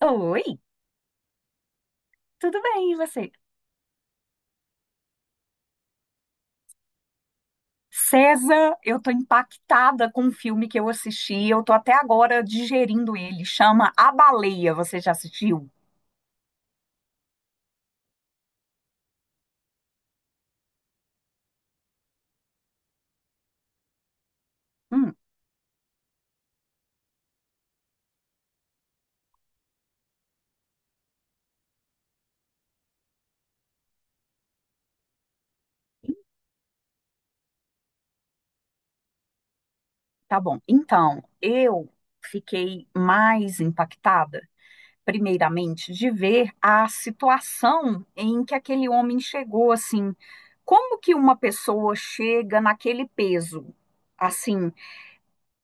Oi, tudo bem, e você? César, eu tô impactada com um filme que eu assisti, eu tô até agora digerindo ele, chama A Baleia, você já assistiu? Hum, tá bom. Então, eu fiquei mais impactada, primeiramente, de ver a situação em que aquele homem chegou, assim, como que uma pessoa chega naquele peso? Assim,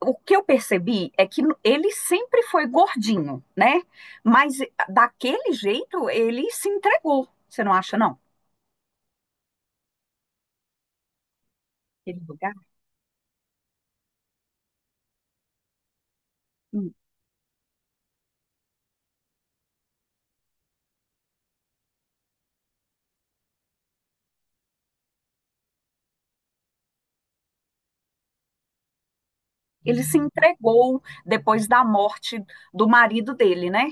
o que eu percebi é que ele sempre foi gordinho, né? Mas daquele jeito ele se entregou. Você não acha, não? Aquele lugar? Hum. Ele se entregou depois da morte do marido dele, né?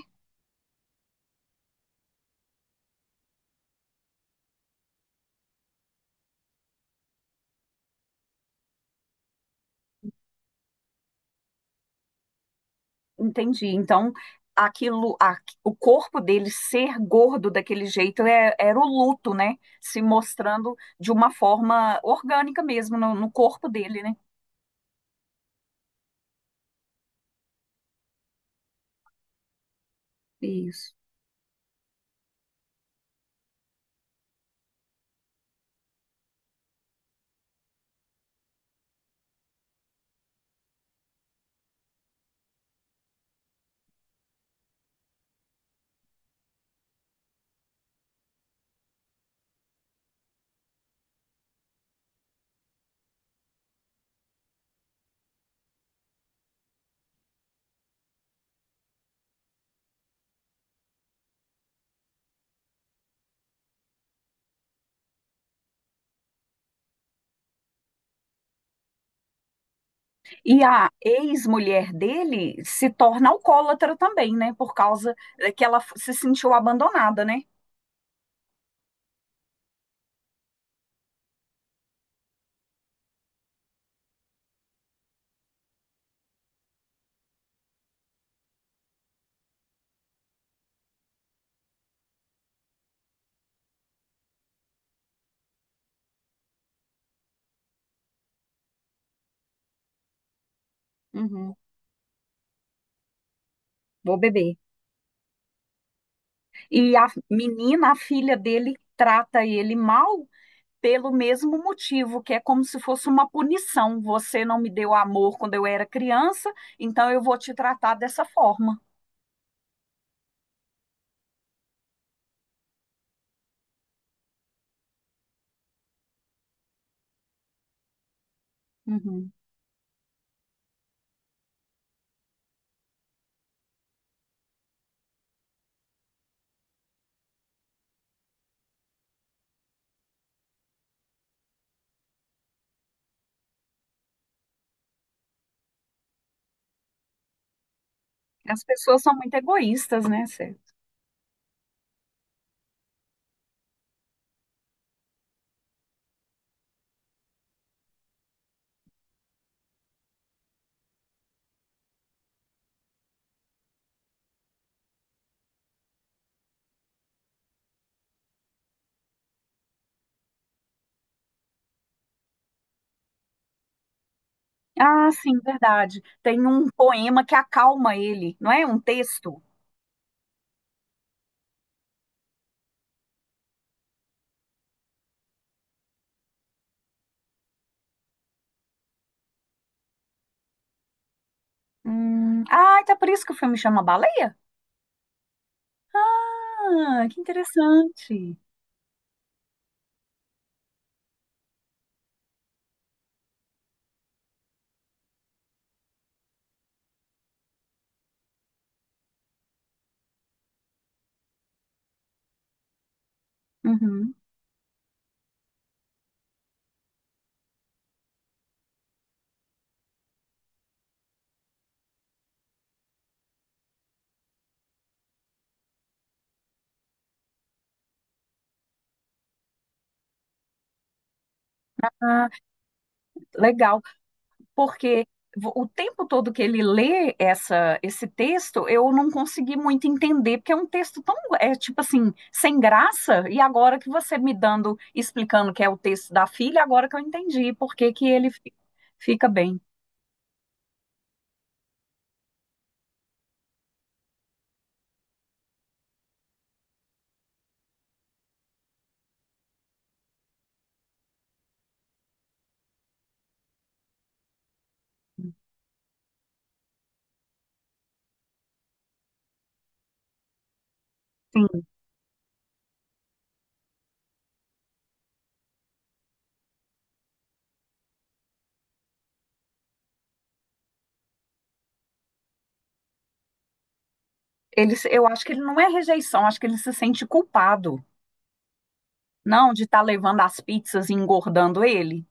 Entendi. Então, aquilo, o corpo dele ser gordo daquele jeito era o luto, né? Se mostrando de uma forma orgânica mesmo no corpo dele, né? Isso. E a ex-mulher dele se torna alcoólatra também, né? Por causa que ela se sentiu abandonada, né? Uhum, vou beber. E a menina, a filha dele, trata ele mal pelo mesmo motivo, que é como se fosse uma punição. Você não me deu amor quando eu era criança, então eu vou te tratar dessa forma. Uhum. As pessoas são muito egoístas, né, Cê? Ah, sim, verdade. Tem um poema que acalma ele, não é? Um texto. Ah, então é por isso que o filme chama Baleia? Ah, que interessante. Uhum. Ah, legal, porque o tempo todo que ele lê esse texto, eu não consegui muito entender, porque é um texto tão, é tipo assim, sem graça, e agora que você me dando, explicando que é o texto da filha, agora que eu entendi por que que ele fica bem. Sim, ele, eu acho que ele não é rejeição, acho que ele se sente culpado, não, de estar levando as pizzas e engordando ele.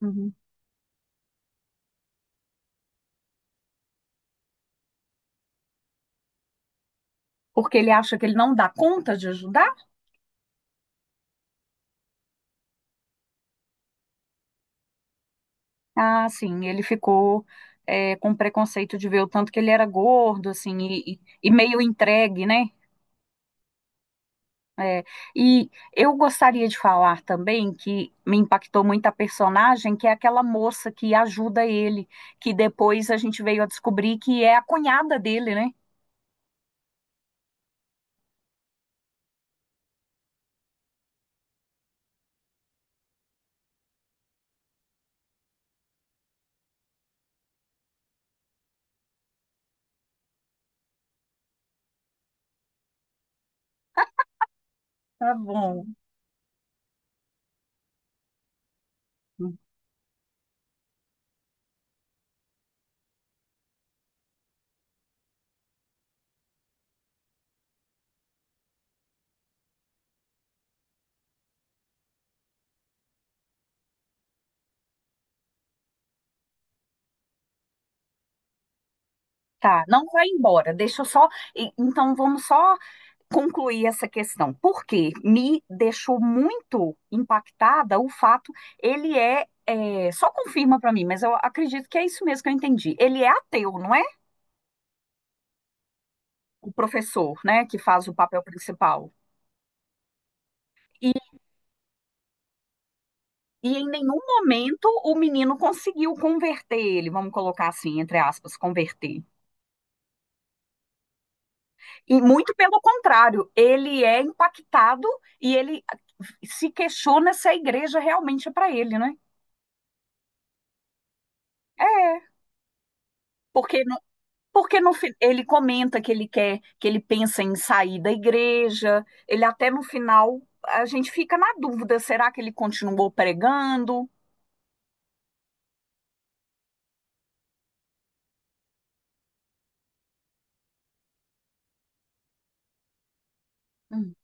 Uhum. Porque ele acha que ele não dá conta de ajudar? Ah, sim, ele ficou é, com preconceito de ver o tanto que ele era gordo, assim, e meio entregue, né? É, e eu gostaria de falar também que me impactou muito a personagem, que é aquela moça que ajuda ele, que depois a gente veio a descobrir que é a cunhada dele, né? Tá bom. Tá, não vai embora, deixa eu só. Então vamos só concluir essa questão, porque me deixou muito impactada o fato, ele é, é, só confirma para mim, mas eu acredito que é isso mesmo que eu entendi. Ele é ateu, não é? O professor, né, que faz o papel principal. E, e em nenhum momento o menino conseguiu converter ele, vamos colocar assim, entre aspas, converter. E muito pelo contrário, ele é impactado e ele se questiona se a igreja realmente é para ele, né? É, porque Porque no, fi- ele comenta que ele quer, que ele pensa em sair da igreja. Ele até no final, a gente fica na dúvida, será que ele continuou pregando? Hum.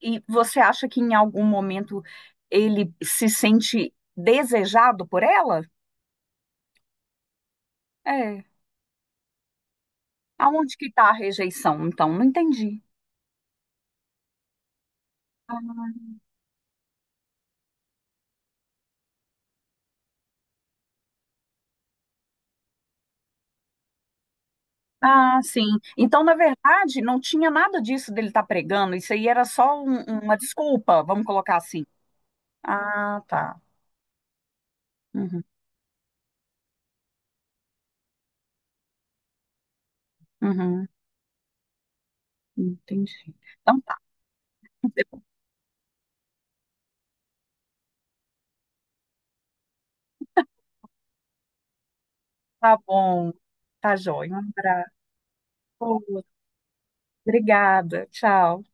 E você acha que em algum momento ele se sente desejado por ela? É. Aonde que está a rejeição? Então, não entendi. Ah, sim. Então, na verdade, não tinha nada disso dele estar pregando. Isso aí era só uma desculpa, vamos colocar assim. Ah, tá. Uhum, uhum. Entendi. Então tá. Tá bom. Tá joia. Um abraço. Obrigada. Tchau.